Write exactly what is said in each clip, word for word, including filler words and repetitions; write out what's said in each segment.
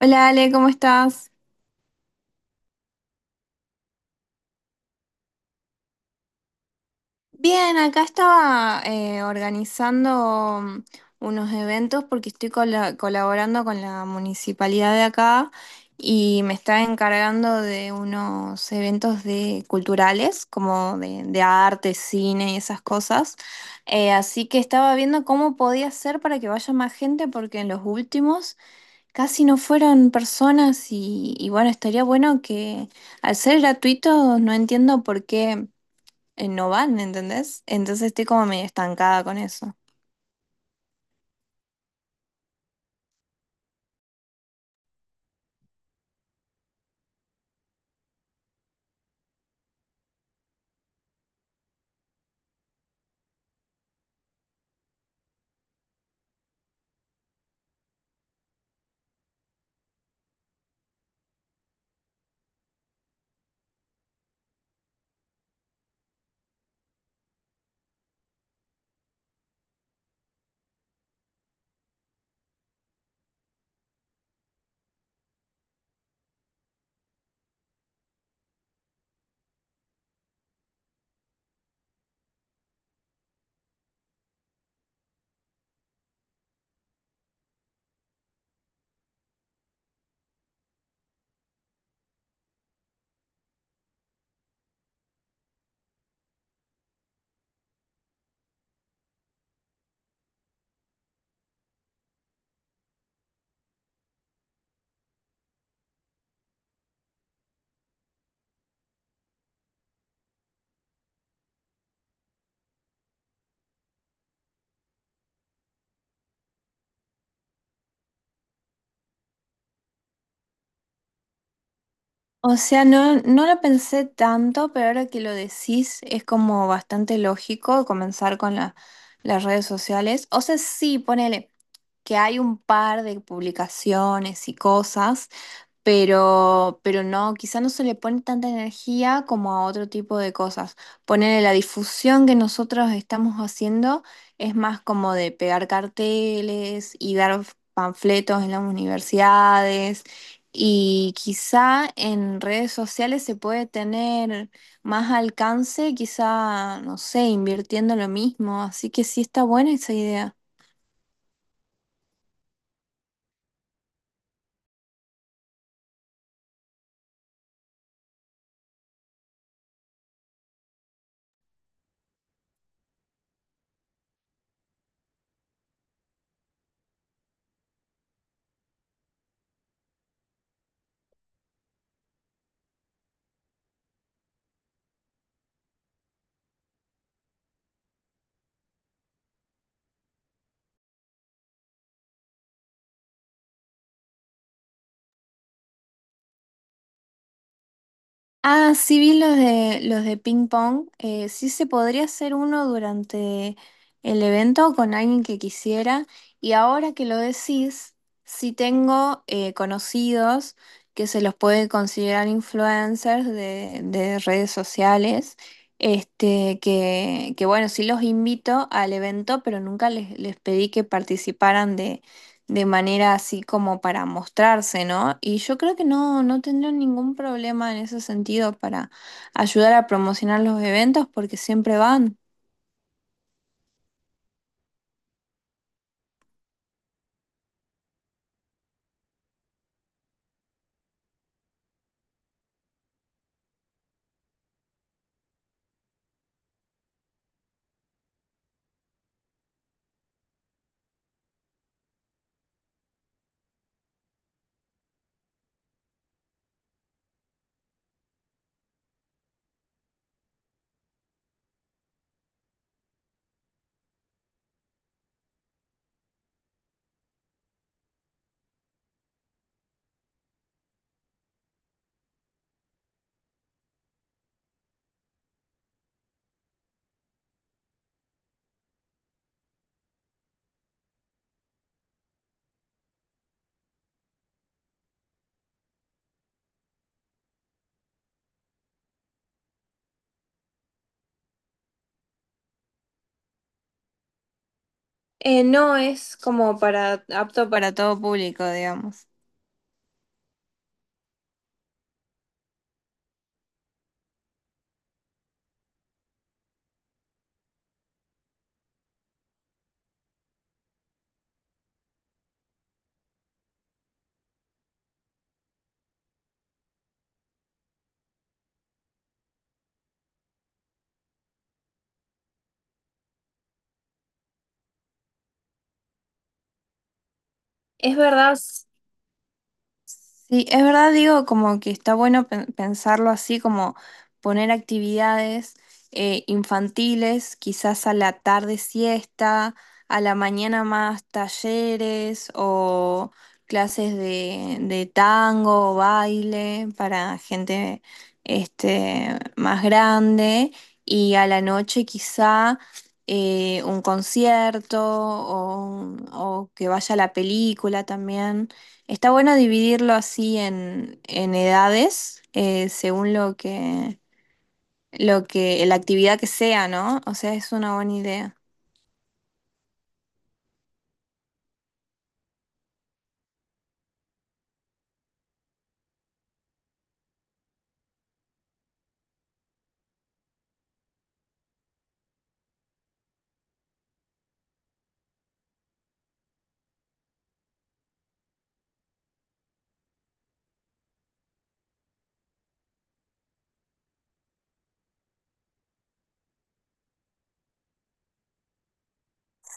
Hola Ale, ¿cómo estás? Bien, acá estaba eh, organizando mm, unos eventos porque estoy cola- colaborando con la municipalidad de acá y me está encargando de unos eventos de culturales, como de, de arte, cine y esas cosas. Eh, así que estaba viendo cómo podía hacer para que vaya más gente porque en los últimos casi no fueron personas y, y bueno, estaría bueno que al ser gratuito no entiendo por qué eh, no van, ¿entendés? Entonces estoy como medio estancada con eso. O sea, no, no lo pensé tanto, pero ahora que lo decís es como bastante lógico comenzar con la- las redes sociales. O sea, sí, ponele que hay un par de publicaciones y cosas pero, pero no, quizá no se le pone tanta energía como a otro tipo de cosas. Ponerle la difusión que nosotros estamos haciendo es más como de pegar carteles y dar panfletos en las universidades. Y quizá en redes sociales se puede tener más alcance, quizá, no sé, invirtiendo lo mismo. Así que sí está buena esa idea. Ah, sí vi los de los de ping pong. Eh, sí se podría hacer uno durante el evento con alguien que quisiera. Y ahora que lo decís, sí tengo eh, conocidos que se los puede considerar influencers de, de redes sociales. Este, que, que bueno, sí los invito al evento, pero nunca les, les pedí que participaran de manera así como para mostrarse, ¿no? Y yo creo que no, no tendrán ningún problema en ese sentido para ayudar a promocionar los eventos porque siempre van. Eh, no es como para apto para todo público, digamos. Es verdad. Sí, es verdad, digo, como que está bueno pen- pensarlo así, como poner actividades eh, infantiles, quizás a la tarde siesta, a la mañana más talleres o clases de, de tango o baile para gente este, más grande y a la noche quizá eh, un concierto o, o que vaya a la película también. Está bueno dividirlo así en, en edades, eh, según lo que, lo que, la actividad que sea, ¿no? O sea, es una buena idea.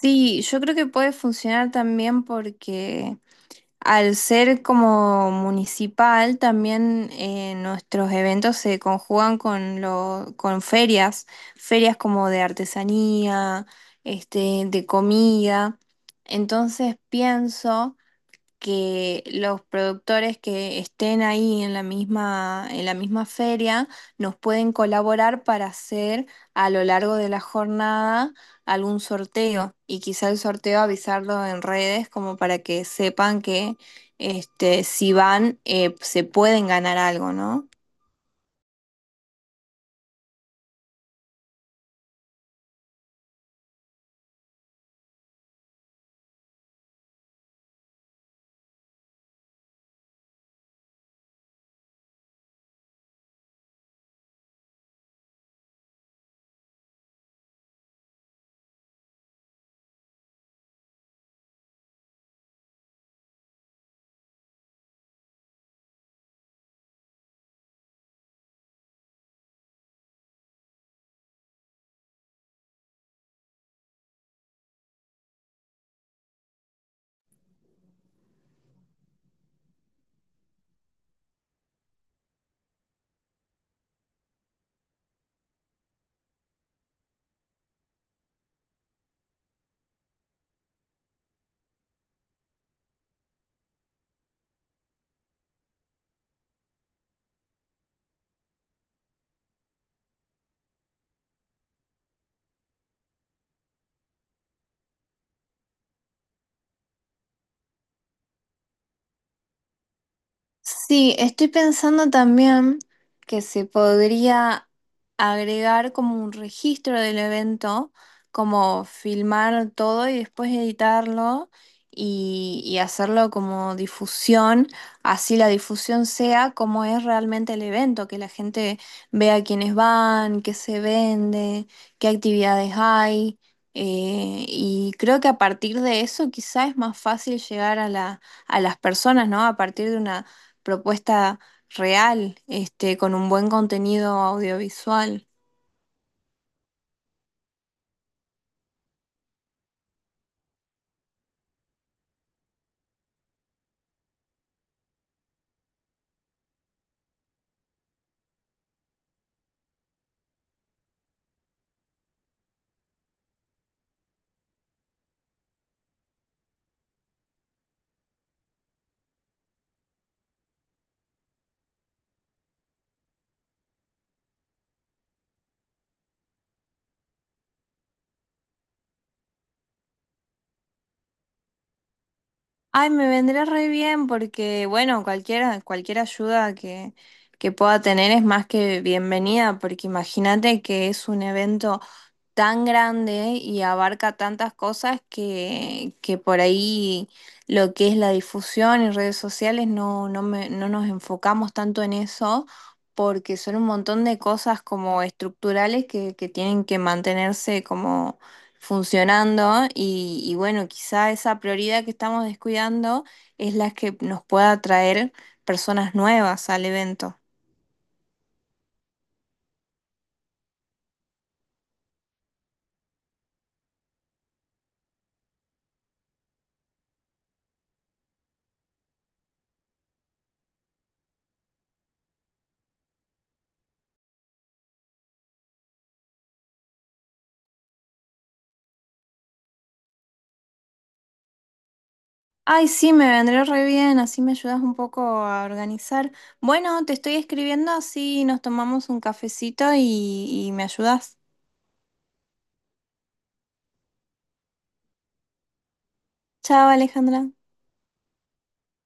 Sí, yo creo que puede funcionar también porque al ser como municipal, también eh, nuestros eventos se conjugan con lo, con ferias, ferias como de artesanía, este, de comida. Entonces pienso que los productores que estén ahí en la misma, en la misma feria nos pueden colaborar para hacer a lo largo de la jornada algún sorteo y quizá el sorteo avisarlo en redes como para que sepan que este, si van eh, se pueden ganar algo, ¿no? Sí, estoy pensando también que se podría agregar como un registro del evento, como filmar todo y después editarlo y, y hacerlo como difusión, así la difusión sea como es realmente el evento, que la gente vea quiénes van, qué se vende, qué actividades hay. Eh, y creo que a partir de eso quizá es más fácil llegar a la, a las personas, ¿no? A partir de una propuesta real, este, con un buen contenido audiovisual. Ay, me vendría re bien porque, bueno, cualquiera, cualquier ayuda que, que pueda tener es más que bienvenida, porque imagínate que es un evento tan grande y abarca tantas cosas que, que por ahí lo que es la difusión en redes sociales no, no, me- no nos enfocamos tanto en eso porque son un montón de cosas como estructurales que, que tienen que mantenerse como funcionando y, y bueno, quizá esa prioridad que estamos descuidando es la que nos pueda traer personas nuevas al evento. Ay, sí, me vendría re bien, así me ayudas un poco a organizar. Bueno, te estoy escribiendo, así nos tomamos un cafecito y, y me ayudas. Chao, Alejandra.